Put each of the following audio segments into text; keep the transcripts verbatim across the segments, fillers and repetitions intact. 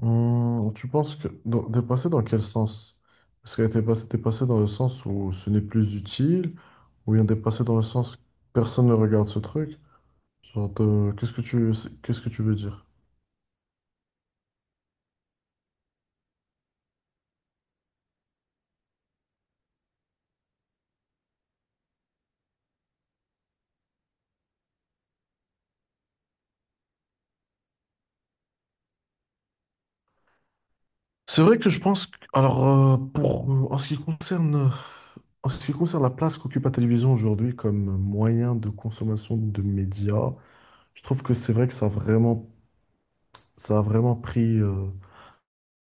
Hum, tu penses que dans- dépassé dans quel sens? Est-ce qu'elle était passée dépassée dans le sens où ce n'est plus utile, ou bien dépassée dans le sens que personne ne regarde ce truc? Genre, de- qu'est-ce que tu c'est- qu'est-ce que tu veux dire? C'est vrai que je pense que- alors euh, pour en ce qui concerne en ce qui concerne la place qu'occupe la télévision aujourd'hui comme moyen de consommation de médias, je trouve que c'est vrai que ça a vraiment ça a vraiment pris euh,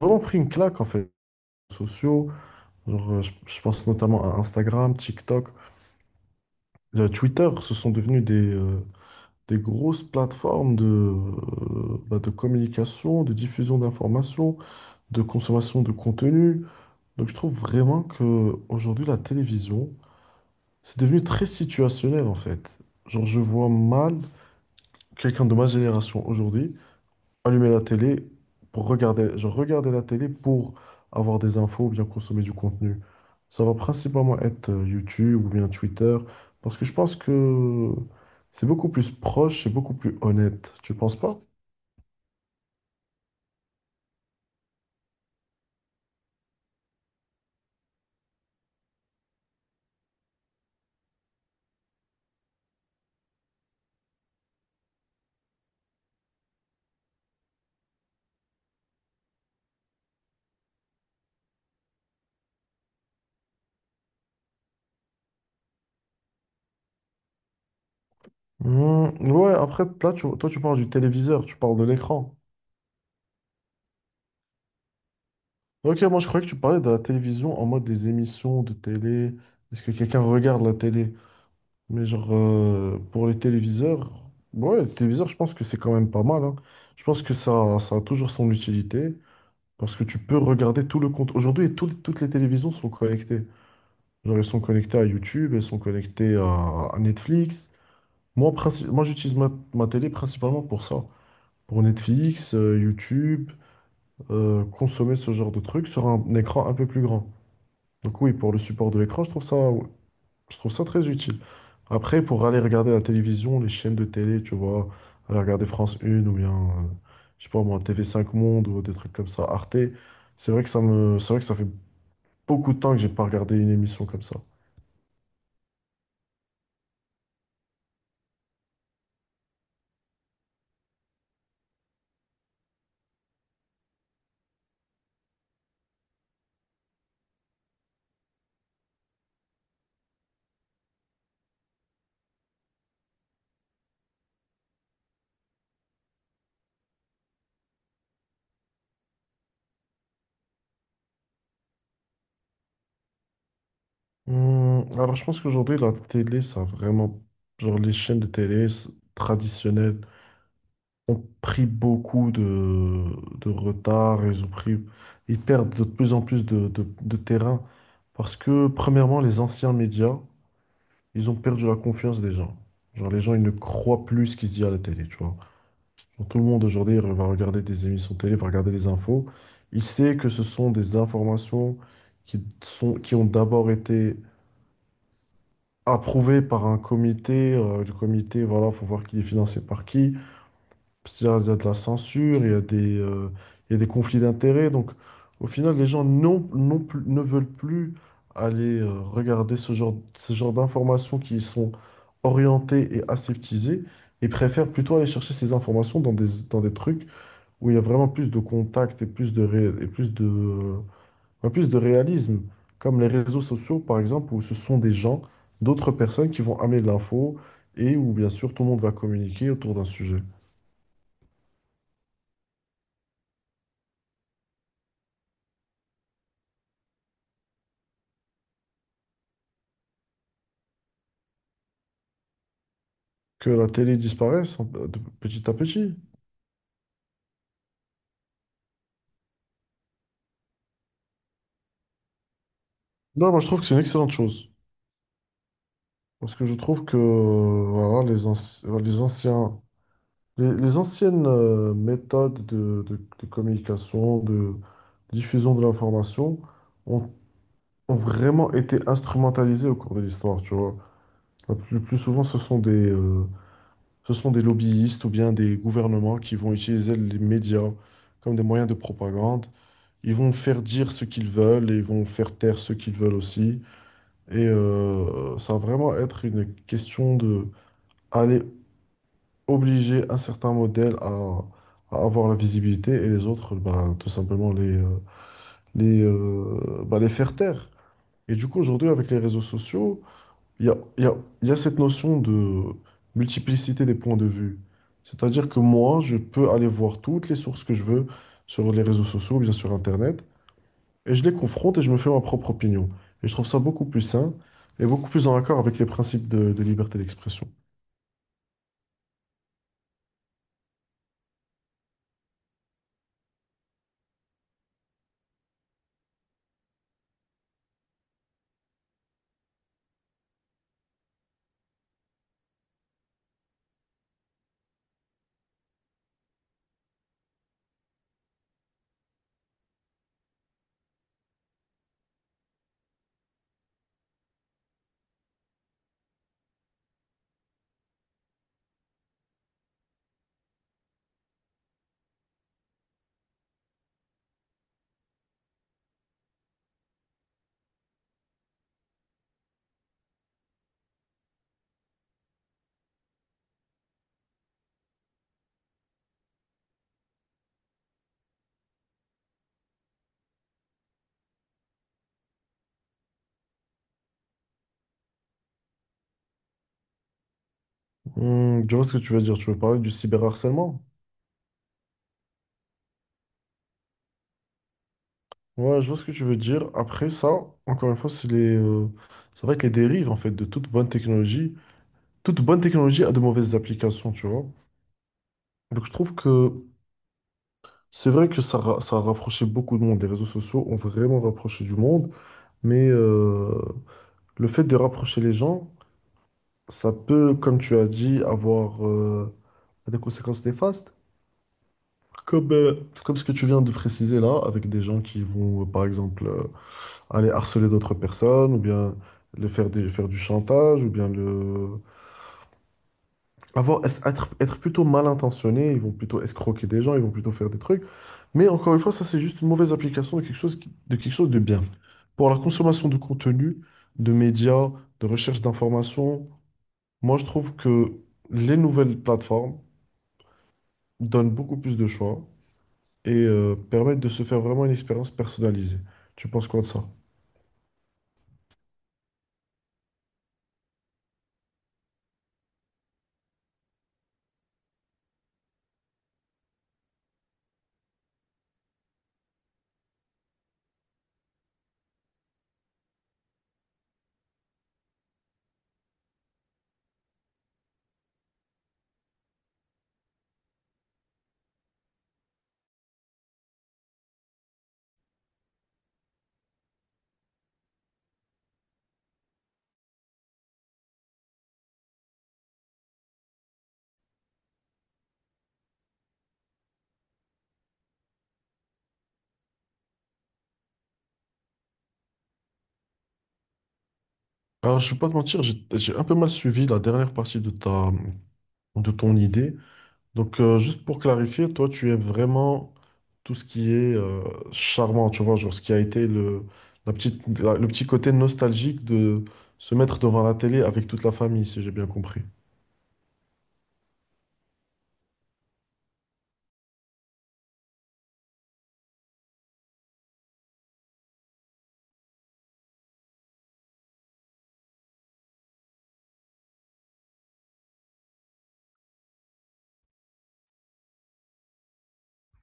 vraiment pris une claque en fait, sociaux. Genre, euh, je, je pense notamment à Instagram, TikTok, euh, Twitter, ce sont devenus des, euh, des grosses plateformes de, euh, bah, de communication, de diffusion d'informations, de consommation de contenu. Donc je trouve vraiment que aujourd'hui la télévision, c'est devenu très situationnel en fait. Genre, je vois mal quelqu'un de ma génération aujourd'hui allumer la télé pour regarder, genre regarder la télé pour avoir des infos ou bien consommer du contenu. Ça va principalement être euh, YouTube ou bien Twitter, parce que je pense que c'est beaucoup plus proche, c'est beaucoup plus honnête. Tu penses pas? Hmm, ouais, après, là, tu- toi, tu parles du téléviseur, tu parles de l'écran. Ok, moi, je croyais que tu parlais de la télévision en mode des émissions de télé. Est-ce que quelqu'un regarde la télé? Mais genre, euh, pour les téléviseurs, ouais, les téléviseurs, je pense que c'est quand même pas mal, hein. Je pense que ça, ça a toujours son utilité parce que tu peux regarder tout le compte. Aujourd'hui, tout- toutes les télévisions sont connectées. Genre, elles sont connectées à YouTube, elles sont connectées à, à Netflix. Moi, princi- moi j'utilise ma, ma télé principalement pour ça. Pour Netflix, euh, YouTube, euh, consommer ce genre de trucs sur un, un écran un peu plus grand. Donc oui, pour le support de l'écran, je trouve ça Je trouve ça très utile. Après, pour aller regarder la télévision, les chaînes de télé, tu vois, aller regarder France un ou bien, euh, je sais pas moi, t v cinq Monde ou des trucs comme ça, Arte, c'est vrai que ça me, c'est vrai que ça fait beaucoup de temps que j'ai pas regardé une émission comme ça. Hum, alors, je pense qu'aujourd'hui, la télé, ça a vraiment, genre, les chaînes de télé c- traditionnelles ont pris beaucoup de, de retard, ils ont pris, ils perdent de plus en plus de, de de terrain parce que, premièrement, les anciens médias, ils ont perdu la confiance des gens. Genre, les gens, ils ne croient plus ce qui se dit à la télé, tu vois. Genre, tout le monde aujourd'hui va regarder des émissions télé, va regarder les infos. Il sait que ce sont des informations qui sont, qui ont d'abord été approuvées par un comité. euh, le comité, voilà, faut voir qui est financé par qui. Parce y a, il y a de la censure, il y a des, euh, il y a des conflits d'intérêts. Donc, au final, les gens non, non plus, ne veulent plus aller euh, regarder ce genre, ce genre d'informations qui sont orientées et aseptisées. Ils préfèrent plutôt aller chercher ces informations dans des, dans des trucs où il y a vraiment plus de contact et plus de, ré- et plus de, euh, ouais, plus de réalisme, comme les réseaux sociaux, par exemple, où ce sont des gens, d'autres personnes qui vont amener de l'info et où, bien sûr, tout le monde va communiquer autour d'un sujet. Que la télé disparaisse en- de petit à petit. Non, moi je trouve que c'est une excellente chose. Parce que je trouve que euh, voilà, les, anci- voilà, les anciens, les, les anciennes euh, méthodes de, de- de communication, de diffusion de l'information ont, ont vraiment été instrumentalisées au cours de l'histoire, tu vois. Le plus, le plus souvent, ce sont des, euh, ce sont des lobbyistes ou bien des gouvernements qui vont utiliser les médias comme des moyens de propagande. Ils vont faire dire ce qu'ils veulent et ils vont faire taire ce qu'ils veulent aussi. Et euh, ça va vraiment être une question de aller obliger un certain modèle à, à avoir la visibilité et les autres, bah, tout simplement les, euh, les, euh, bah, les faire taire. Et du coup, aujourd'hui, avec les réseaux sociaux, il y a, il y a, il y a cette notion de multiplicité des points de vue. C'est-à-dire que moi, je peux aller voir toutes les sources que je veux sur les réseaux sociaux, bien sur Internet, et je les confronte et je me fais ma propre opinion. Et je trouve ça beaucoup plus sain et beaucoup plus en accord avec les principes de, de liberté d'expression. Hmm, je vois ce que tu veux dire. Tu veux parler du cyberharcèlement? Ouais, je vois ce que tu veux dire. Après ça, encore une fois, c'est les, euh, c'est vrai que les dérives en fait de toute bonne technologie, toute bonne technologie a de mauvaises applications, tu vois. Donc je trouve que c'est vrai que ça, ra- ça a rapproché beaucoup de monde. Les réseaux sociaux ont vraiment rapproché du monde, mais euh, le fait de rapprocher les gens, ça peut, comme tu as dit, avoir euh, a des conséquences néfastes. Comme, euh, comme ce que tu viens de préciser là, avec des gens qui vont, euh, par exemple, euh, aller harceler d'autres personnes, ou bien les faire, des- faire du chantage, ou bien le... avoir, être, être plutôt mal intentionnés, ils vont plutôt escroquer des gens, ils vont plutôt faire des trucs. Mais encore une fois, ça, c'est juste une mauvaise application de quelque chose, qui- de quelque chose de bien. Pour la consommation de contenu, de médias, de recherche d'informations, moi, je trouve que les nouvelles plateformes donnent beaucoup plus de choix et euh, permettre de se faire vraiment une expérience personnalisée. Tu penses quoi de ça? Alors, je vais pas te mentir, j'ai j'ai un peu mal suivi la dernière partie de ta, de ton idée. Donc, euh, juste pour clarifier, toi, tu aimes vraiment tout ce qui est euh, charmant, tu vois, genre ce qui a été le, la petite, la- le petit côté nostalgique de se mettre devant la télé avec toute la famille, si j'ai bien compris.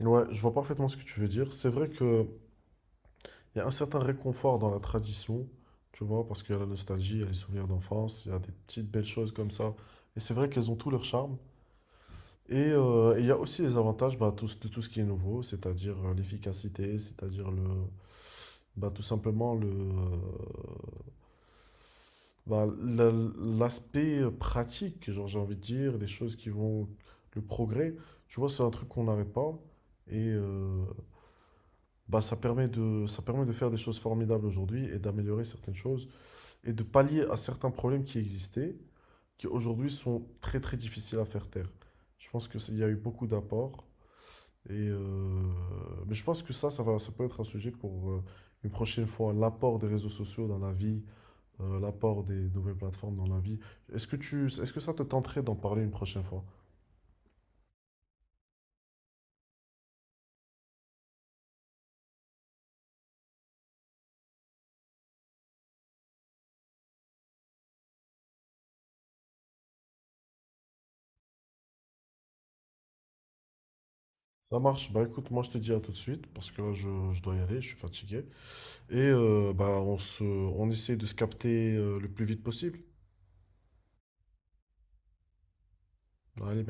Ouais, je vois parfaitement ce que tu veux dire. C'est vrai que Il y a un certain réconfort dans la tradition, tu vois, parce qu'il y a la nostalgie, il y a les souvenirs d'enfance, il y a des petites belles choses comme ça. Et c'est vrai qu'elles ont tout leur charme. Et euh, et il y a aussi les avantages bah, tout ce- de tout ce qui est nouveau, c'est-à-dire euh, l'efficacité, c'est-à-dire le, bah, tout simplement le, euh, bah, la- l'aspect pratique, genre j'ai envie de dire, des choses qui vont, le progrès, tu vois, c'est un truc qu'on n'arrête pas. Et euh, bah, ça permet de, ça permet de faire des choses formidables aujourd'hui et d'améliorer certaines choses. Et de pallier à certains problèmes qui existaient, qui aujourd'hui sont très très difficiles à faire taire. Je pense qu'il y a eu beaucoup d'apports. Et euh, mais je pense que ça, ça va, ça peut être un sujet pour euh, une prochaine fois, l'apport des réseaux sociaux dans la vie, euh, l'apport des nouvelles plateformes dans la vie. Est-ce que tu, est-ce que ça te tenterait d'en parler une prochaine fois? Ça marche. Bah écoute, moi je te dis à tout de suite parce que là je, je dois y aller, je suis fatigué. Et euh, bah, on se, on essaie de se capter euh, le plus vite possible. Allez,